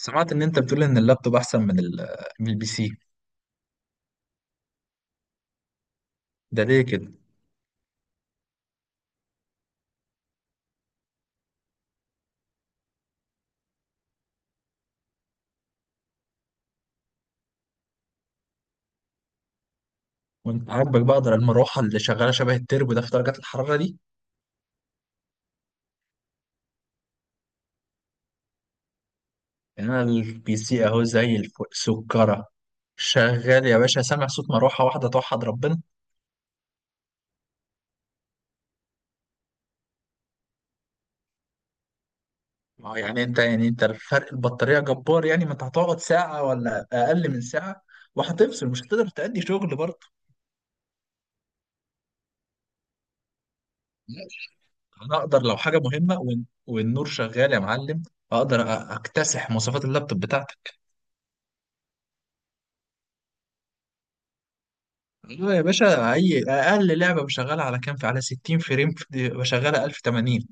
سمعت ان انت بتقول ان اللابتوب احسن من من البي سي. ده ليه كده؟ وانت عاجبك بقى اقدر المروحه اللي شغاله شبه التربو ده في درجات الحراره دي؟ يعني انا البي سي اهو زي الفل، سكره، شغال يا باشا، سامع صوت مروحه واحده توحد ربنا. يعني انت، الفرق البطاريه جبار، يعني ما انت هتقعد ساعه ولا اقل من ساعه وهتفصل، مش هتقدر تأدي شغل برضه. انا اقدر لو حاجه مهمه والنور شغال يا معلم، اقدر اكتسح مواصفات اللابتوب بتاعتي. لا يا باشا، اي اقل لعبه بشغلها على كام، في، على 60 فريم، بشغلها 1080.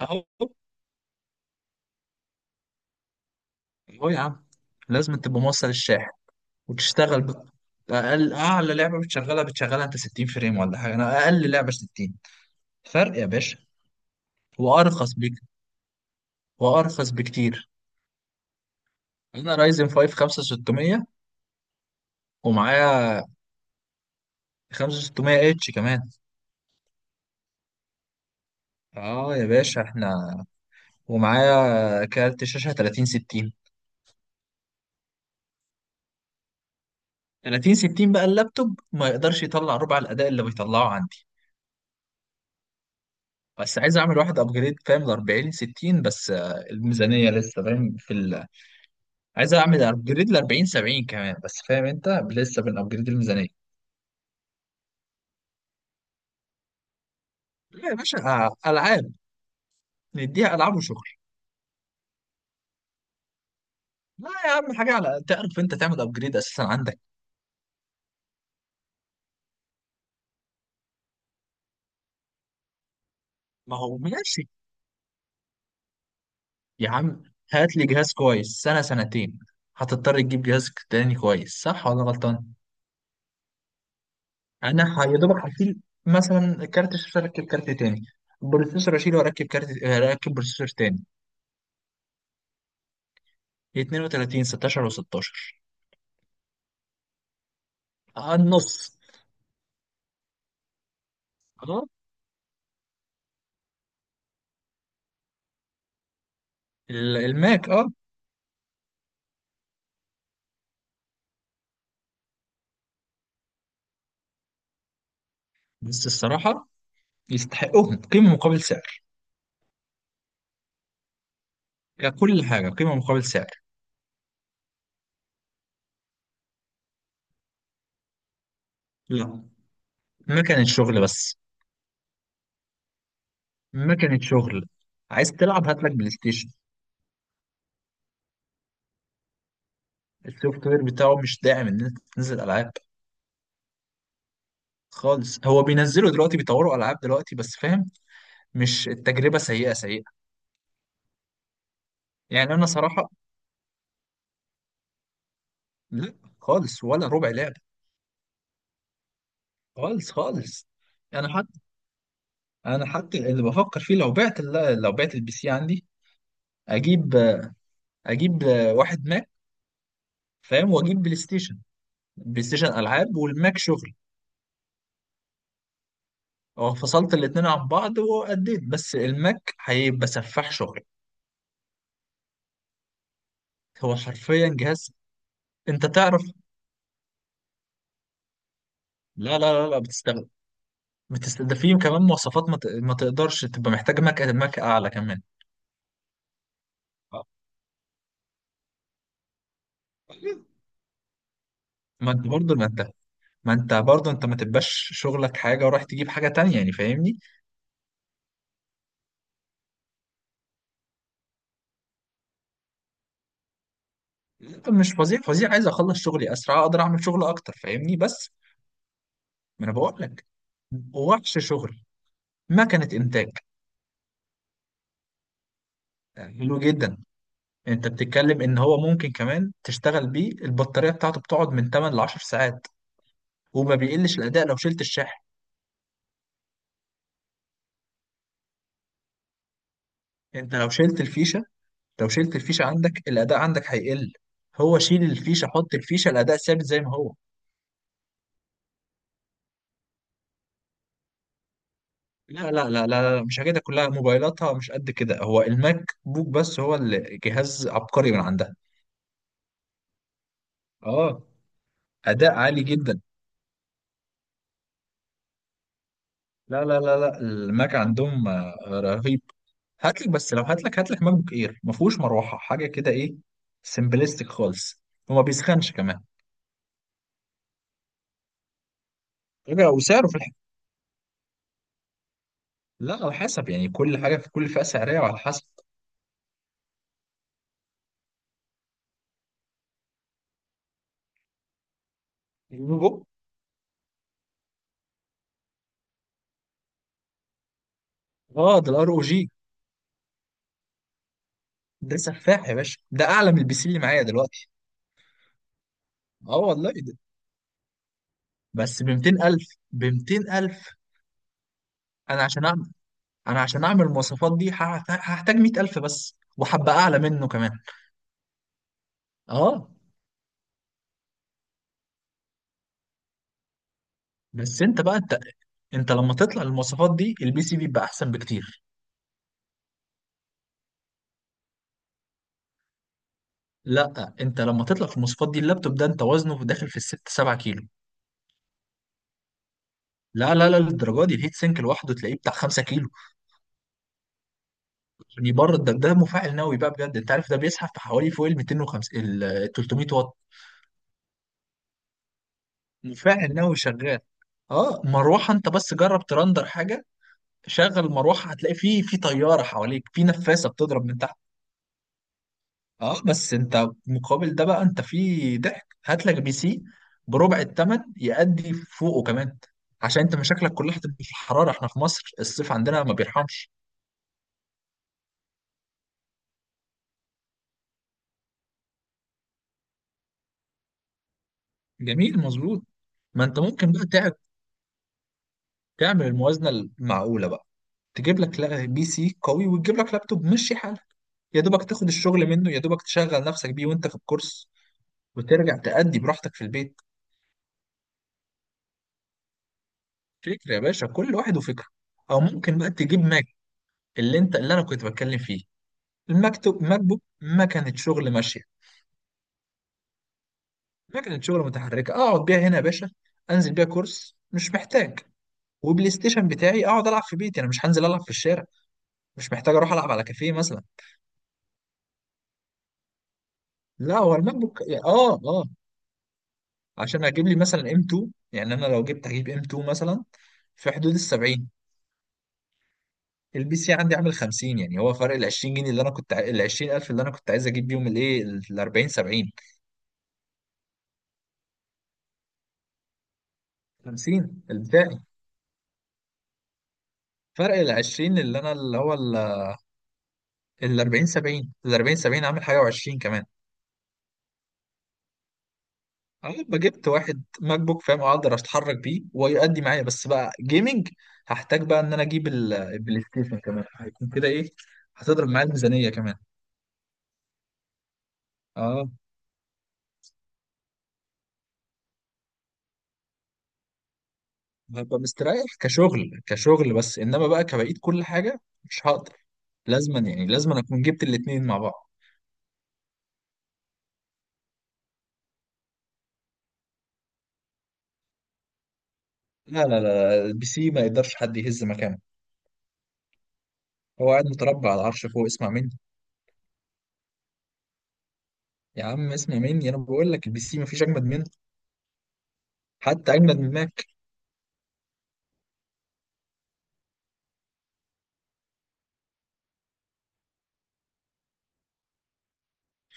اهو، اهو يا عم، لازم تبقى موصل الشاحن وتشتغل اقل، اعلى لعبه بتشغلها انت 60 فريم ولا حاجه، انا اقل لعبه 60. فرق يا باشا، وارخص بك وارخص بكتير. انا رايزن 5 5600 ومعايا 5600 اتش كمان. اه يا باشا احنا، ومعايا كارت شاشه 3060، 30 60 بقى اللابتوب ما يقدرش يطلع ربع الاداء اللي بيطلعه عندي. بس عايز اعمل واحد ابجريد، فاهم، ل 40 60 بس، الميزانيه لسه، فاهم، عايز اعمل ابجريد ل 40 70 كمان بس، فاهم، انت لسه بنابجريد الميزانيه. لا يا باشا، العاب، نديها العاب وشغل. لا يا عم، حاجه على، تعرف انت تعمل ابجريد اساسا عندك؟ ما هو ماشي يا عم، هات لي جهاز كويس سنه، سنتين، هتضطر تجيب جهاز تاني كويس، صح ولا غلطان؟ انا يا دوبك هشيل مثلا كارت الشاشه اركب كارت تاني، بروسيسور اشيله واركب كارت، اركب بروسيسور تاني. 32، 16 و16، النص. اه، الماك، اه. بس الصراحه يستحقوهم، قيمه مقابل سعر، ككل حاجه، قيمه مقابل سعر. لا، ما كانت شغل بس، ما كانت شغل، عايز تلعب هات لك بلاي ستيشن. السوفت وير بتاعه مش داعم ان انت تنزل العاب خالص، هو بينزلوا دلوقتي بيطوروا العاب دلوقتي بس، فاهم. مش التجربه سيئه سيئه. يعني انا صراحه، لا، خالص، ولا ربع لعبة. خالص، خالص. انا حتى انا حتى اللي بفكر فيه، لو بعت البي سي عندي، اجيب اجيب واحد ماك، فاهم، واجيب بلاي ستيشن، بلاي ستيشن العاب والماك شغل. اه، فصلت الاتنين عن بعض واديت، بس الماك هيبقى سفاح شغل. هو حرفيا جهاز انت تعرف، لا لا لا لا بتستغل، ده فيه كمان مواصفات، ما تقدرش، تبقى محتاج ماك اعلى كمان. ما انت برضه ما انت ما انت برضه انت ما تبقاش شغلك حاجه ورايح تجيب حاجه تانية، يعني فاهمني. لا، مش فظيع فظيع، عايز اخلص شغلي اسرع، اقدر اعمل شغل اكتر، فاهمني، بس. ما انا بقول لك، وحش شغل، مكنه انتاج. حلو جدا. انت بتتكلم ان هو ممكن كمان تشتغل بيه، البطاريه بتاعته بتقعد من 8 ل 10 ساعات، وما بيقلش الاداء لو شلت الشاحن. انت لو شلت الفيشه، لو شلت الفيشه عندك الاداء عندك هيقل، هو شيل الفيشه، حط الفيشه، الاداء ثابت زي ما هو. لا لا لا لا لا، مش حاجاتها كلها، موبايلاتها مش قد كده، هو الماك بوك بس، هو الجهاز عبقري من عندها. اه. اداء عالي جدا. لا لا لا لا، الماك عندهم رهيب. هاتلك بس لو هاتلك ماك بوك اير، ما فيهوش مروحه، حاجه كده، ايه، سمبلستيك خالص، وما بيسخنش كمان. رجع وسعره في الحق. لا، على حسب يعني، كل حاجه في كل فئه سعريه، وعلى حسب. الفيفو. اه، ده الار او جي، ده سفاح يا باشا، ده اعلى من البي سي اللي معايا دلوقتي. اه والله، ده بس ب 200000، انا عشان اعمل انا عشان اعمل المواصفات دي هحتاج 100000 بس، وحبة اعلى منه كمان. اه، بس انت بقى انت انت لما تطلع المواصفات دي البي سي بيبقى احسن بكتير. لا، انت لما تطلع في المواصفات دي اللابتوب ده، انت وزنه داخل في الست، سبعة كيلو. لا لا لا، للدرجه دي الهيت سينك لوحده تلاقيه بتاع 5 كيلو، يعني بره ده مفاعل نووي بقى بجد. انت عارف ده بيسحب في حوالي فوق ال 250 ال 300 واط، مفاعل نووي شغال. اه، مروحه، انت بس جرب ترندر حاجه، شغل المروحه، هتلاقي في طياره حواليك في نفاسه بتضرب من تحت. اه، بس انت مقابل ده بقى، انت في ضحك هات لك بي سي بربع الثمن، يأدي فوقه كمان، عشان انت مشاكلك كلها هتبقى في الحراره، احنا في مصر الصيف عندنا ما بيرحمش. جميل، مظبوط. ما انت ممكن بقى تعمل الموازنه المعقوله بقى، تجيب لك بي سي قوي، وتجيب لك لابتوب مشي حالك، يا دوبك تاخد الشغل منه، يا دوبك تشغل نفسك بيه وانت في الكورس، وترجع تأدي براحتك في البيت. فكرة يا باشا، كل واحد وفكرة. او ممكن بقى تجيب ماك، اللي انا كنت بتكلم فيه، المكتب، ماك بوك، مكنة شغل ماشية، مكنة شغل متحركة، اقعد بيها هنا يا باشا، انزل بيها كورس، مش محتاج. وبلاي ستيشن بتاعي اقعد العب في بيتي، انا مش هنزل العب في الشارع، مش محتاج اروح العب على كافيه مثلا. لا هو الماك بوك، عشان اجيب لي مثلا ام 2، يعني انا لو جبت هجيب ام 2 مثلا في حدود ال 70، البي سي عندي عامل 50، يعني هو فرق ال 20 جنيه اللي انا كنت، ال 20000 اللي انا كنت عايز اجيب بيهم الايه، ال 40 70. 50 البدائي. فرق ال 20 اللي هو ال 40 70، عامل حاجه و20 كمان. انا بقى جبت واحد ماك بوك، فاهم، اقدر اتحرك بيه ويؤدي معايا، بس بقى جيمنج هحتاج بقى ان انا اجيب البلاي ستيشن كمان، هيكون كده ايه، هتضرب معايا الميزانيه كمان. اه، هبقى مستريح كشغل، بس انما بقى كبقيت كل حاجه مش هقدر، لازما اكون جبت الاتنين مع بعض. لا لا لا، البي سي ما يقدرش حد يهز مكانه، هو قاعد متربع على العرش فوق، اسمع مني. يا عم، اسمع مني، انا بقول لك البي سي مفيش اجمد منه، حتى اجمد من ماك.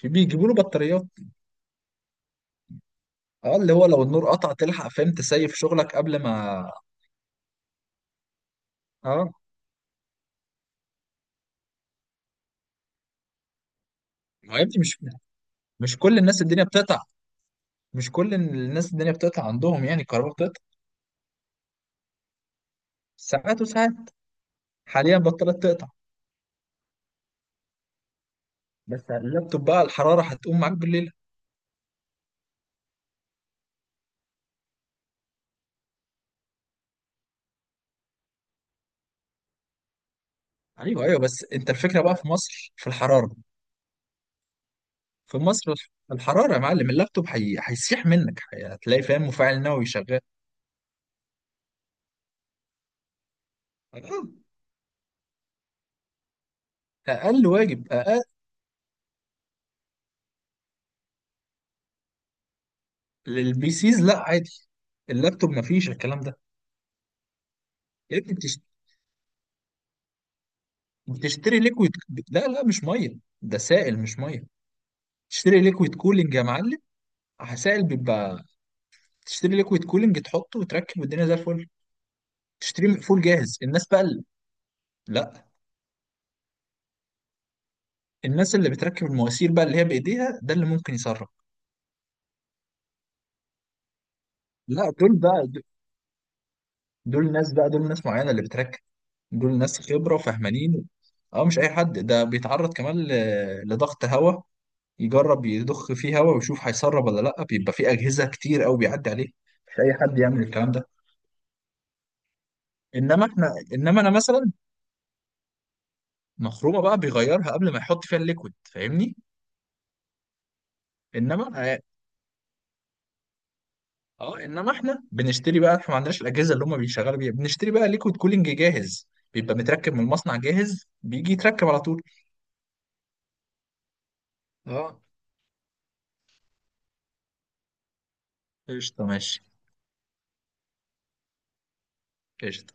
بيجيبوا له بطاريات، اه، اللي هو لو النور قطع تلحق، فاهم، تسيف شغلك قبل ما. اه. ما يا ابني، مش كل الناس الدنيا بتقطع، مش كل الناس الدنيا بتقطع عندهم، يعني الكهرباء بتقطع ساعات وساعات، حاليا بطلت تقطع. بس اللابتوب بقى الحراره هتقوم معاك بالليل. ايوه ايوه، بس انت الفكره بقى في مصر في الحراره، في مصر الحراره يا معلم، اللابتوب هيسيح منك، هتلاقي، فاهم، مفاعل نووي شغال. آه. اقل واجب، اقل للبي سيز، لا عادي، اللابتوب ما فيش الكلام ده. يا ابني بتشتري ليكويد، لا لا، مش ميه، ده سائل مش ميه، تشتري ليكويد كولينج يا معلم، سائل بيبقى، تشتري ليكويد كولينج تحطه وتركب والدنيا زي الفل، تشتري مقفول جاهز، الناس بقى اللي.... لا. الناس اللي بتركب المواسير بقى اللي هي بايديها، ده اللي ممكن يسرق. لا دول بقى، دول ناس معينه اللي بتركب، دول ناس خبره وفهمانين. اه، مش اي حد، ده بيتعرض كمان لضغط هواء، يجرب يضخ فيه هواء ويشوف هيسرب ولا لا، بيبقى فيه اجهزه كتير قوي بيعدي عليه، مش اي حد يعمل الكلام ده. انما انا مثلا، مخرومه بقى بيغيرها قبل ما يحط فيها الليكويد، فاهمني. انما، اه، انما احنا بنشتري بقى، احنا ما عندناش الاجهزه اللي هم بيشغلوا بيها، بنشتري بقى ليكويد كولينج جاهز، بيبقى متركب من المصنع جاهز، بيجي يتركب على طول. اه، قشطه، ماشي، قشطه.